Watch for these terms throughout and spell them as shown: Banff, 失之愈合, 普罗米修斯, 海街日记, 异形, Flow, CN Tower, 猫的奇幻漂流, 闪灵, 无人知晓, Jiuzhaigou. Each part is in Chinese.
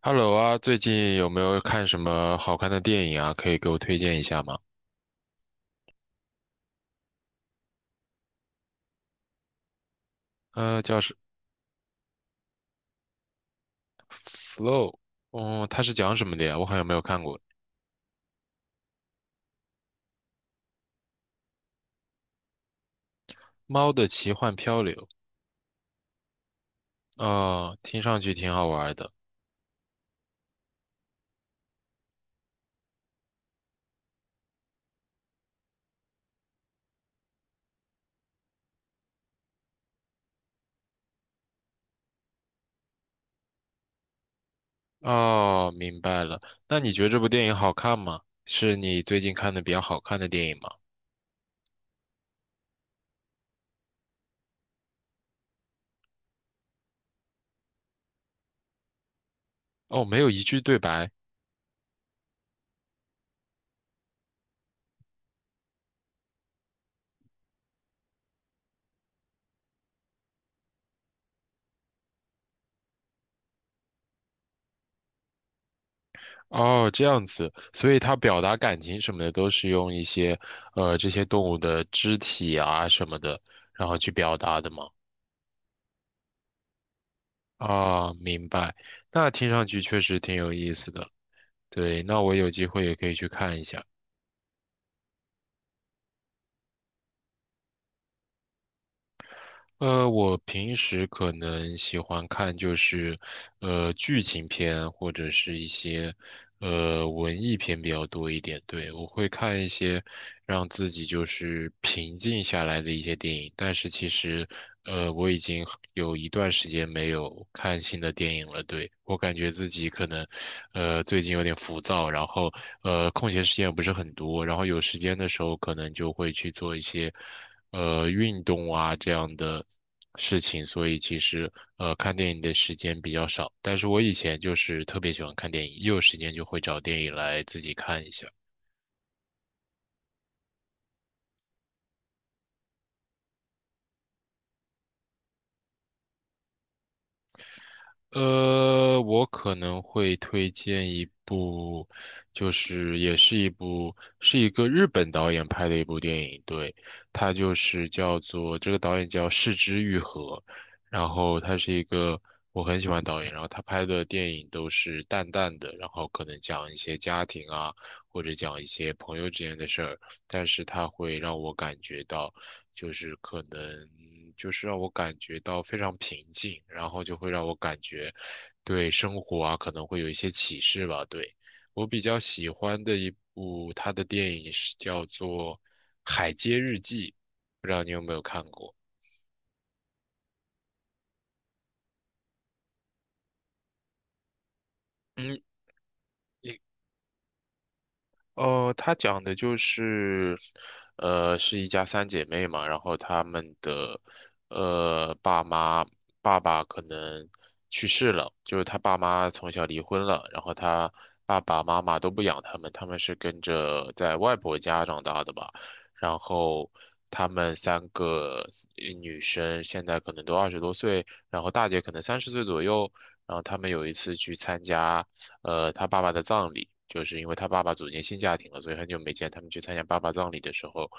Hello 啊，最近有没有看什么好看的电影啊？可以给我推荐一下吗？叫是《Flow》。嗯，它是讲什么的呀？我好像没有看过《猫的奇幻漂流》。哦，听上去挺好玩的。哦，明白了。那你觉得这部电影好看吗？是你最近看的比较好看的电影吗？哦，没有一句对白。哦，这样子，所以它表达感情什么的都是用一些，这些动物的肢体啊什么的，然后去表达的吗？啊，明白。那听上去确实挺有意思的。对，那我有机会也可以去看一下。我平时可能喜欢看就是，剧情片或者是一些，文艺片比较多一点。对，我会看一些让自己就是平静下来的一些电影。但是其实，我已经很有一段时间没有看新的电影了。对，我感觉自己可能，最近有点浮躁，然后，空闲时间也不是很多，然后有时间的时候可能就会去做一些运动啊这样的事情，所以其实看电影的时间比较少。但是我以前就是特别喜欢看电影，一有时间就会找电影来自己看一下。我可能会推荐一部，就是也是一部，是一个日本导演拍的一部电影，对，它就是叫做，这个导演叫市之愈合，然后他是一个我很喜欢导演，然后他拍的电影都是淡淡的，然后可能讲一些家庭啊，或者讲一些朋友之间的事儿，但是他会让我感觉到。就是可能就是让我感觉到非常平静，然后就会让我感觉对生活啊可能会有一些启示吧。对，我比较喜欢的一部他的电影是叫做《海街日记》，不知道你有没有看过？嗯，哦，他讲的就是，是一家三姐妹嘛，然后她们的，呃，爸妈爸爸可能去世了，就是他爸妈从小离婚了，然后他爸爸妈妈都不养他们，他们是跟着在外婆家长大的吧。然后她们三个女生现在可能都20多岁，然后大姐可能30岁左右，然后她们有一次去参加，他爸爸的葬礼，就是因为他爸爸组建新家庭了，所以很久没见。他们去参加爸爸葬礼的时候，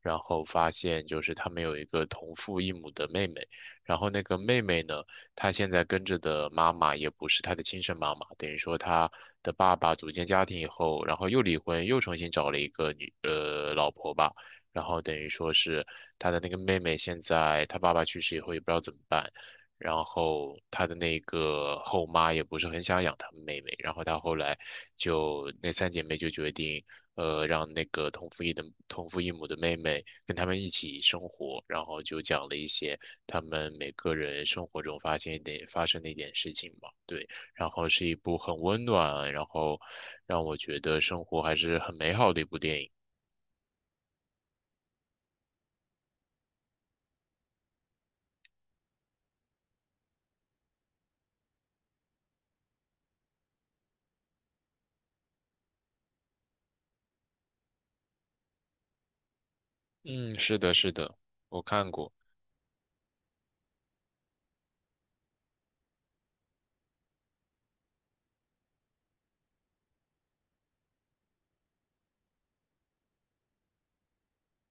然后发现就是他们有一个同父异母的妹妹，然后那个妹妹呢，她现在跟着的妈妈也不是她的亲生妈妈，等于说她的爸爸组建家庭以后，然后又离婚，又重新找了一个老婆吧。然后等于说是他的那个妹妹，现在他爸爸去世以后也不知道怎么办，然后他的那个后妈也不是很想养他们妹妹，然后他后来就那三姐妹就决定，让那个同父异母的妹妹跟他们一起生活，然后就讲了一些他们每个人生活中发生的一点事情吧，对，然后是一部很温暖，然后让我觉得生活还是很美好的一部电影。嗯，是的，是的，我看过。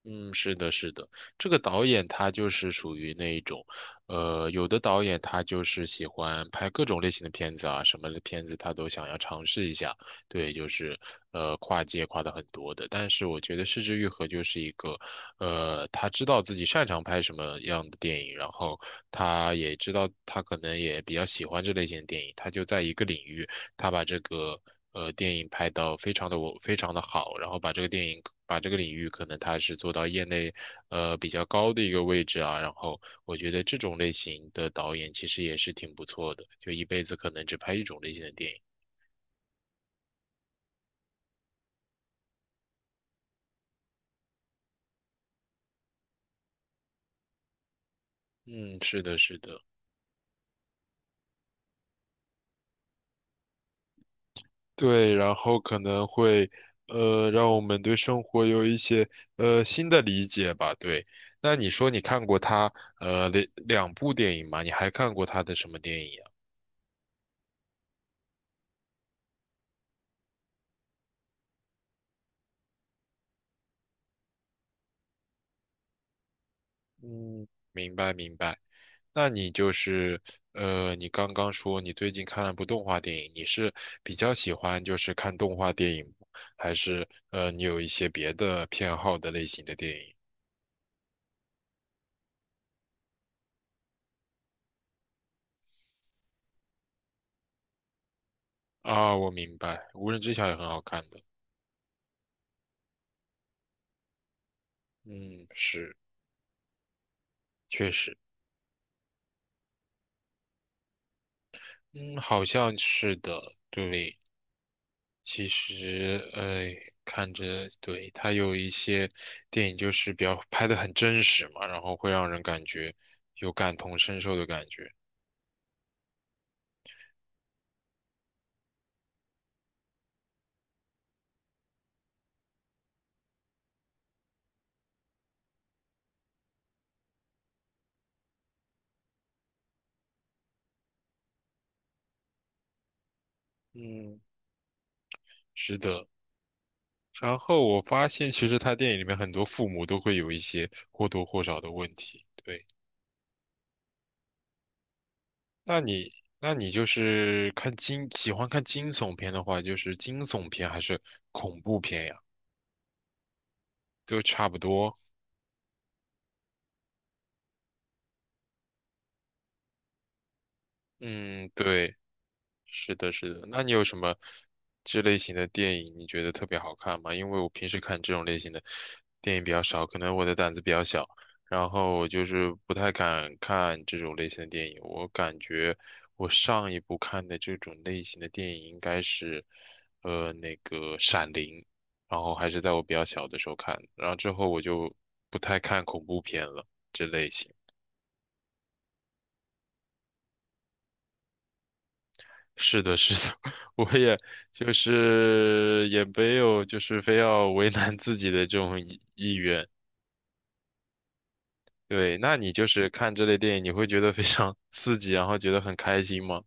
嗯，是的，是的，这个导演他就是属于那一种。有的导演他就是喜欢拍各种类型的片子啊，什么的片子他都想要尝试一下，对，就是跨界跨的很多的。但是我觉得《失之愈合》就是一个，他知道自己擅长拍什么样的电影，然后他也知道他可能也比较喜欢这类型的电影，他就在一个领域。他把这个电影拍到非常的好，然后把这个电影把这个领域可能他是做到业内比较高的一个位置啊，然后我觉得这种类型的导演其实也是挺不错的，就一辈子可能只拍一种类型的电影。嗯，是的，是的。对，然后可能会让我们对生活有一些新的理解吧。对，那你说你看过他呃两两部电影吗？你还看过他的什么电影啊？嗯，明白明白。那你就是，你刚刚说你最近看了部动画电影，你是比较喜欢就是看动画电影吗，还是你有一些别的偏好的类型的电影？啊，我明白，《无人知晓》也很好看的。嗯，是，确实。嗯，好像是的，对。其实，看着，对，它有一些电影就是比较拍的很真实嘛，然后会让人感觉有感同身受的感觉。嗯，是的。然后我发现，其实他电影里面很多父母都会有一些或多或少的问题。对，那你那你就是喜欢看惊悚片的话，就是惊悚片还是恐怖片呀？都差不多。嗯，对。是的，是的。那你有什么这类型的电影你觉得特别好看吗？因为我平时看这种类型的电影比较少，可能我的胆子比较小，然后我就是不太敢看这种类型的电影。我感觉我上一部看的这种类型的电影应该是，那个《闪灵》，然后还是在我比较小的时候看的，然后之后我就不太看恐怖片了，这类型。是的，是的，我也就是也没有就是非要为难自己的这种意愿。对，那你就是看这类电影，你会觉得非常 刺激，然后觉得很开心吗？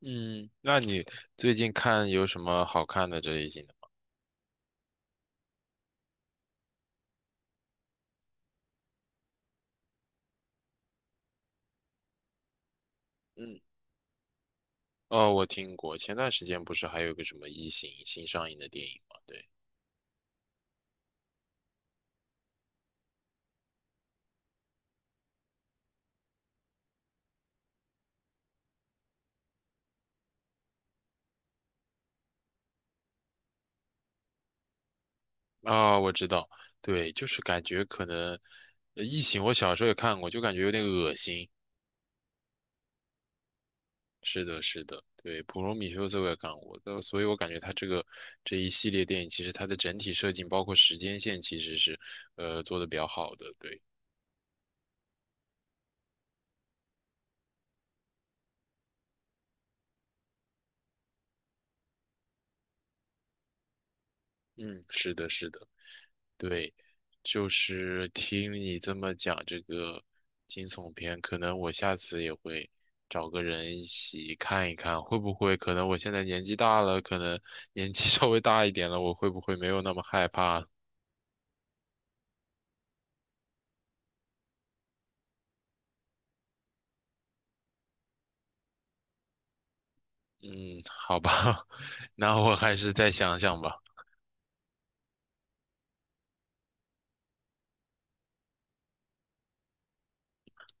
嗯，那你最近看有什么好看的这类型的？嗯，哦，我听过，前段时间不是还有个什么《异形》新上映的电影吗？对，啊、我知道，对，就是感觉可能异形》我小时候也看过，就感觉有点恶心。是的，是的，对，普罗米修斯我也看过，的，所以我感觉他这个这一系列电影，其实它的整体设计，包括时间线，其实是做的比较好的。对，嗯，是的，是的，对，就是听你这么讲这个惊悚片，可能我下次也会找个人一起看一看，会不会？可能我现在年纪大了，可能年纪 稍微大一点了，我会不会没有那么害怕了？嗯，好吧，那我还是再想想吧。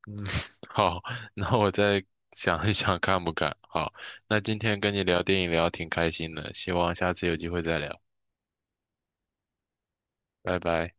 嗯，好，那我再想一想看不看？好，那今天跟你聊电影聊挺开心的，希望下次有机会再聊，拜拜。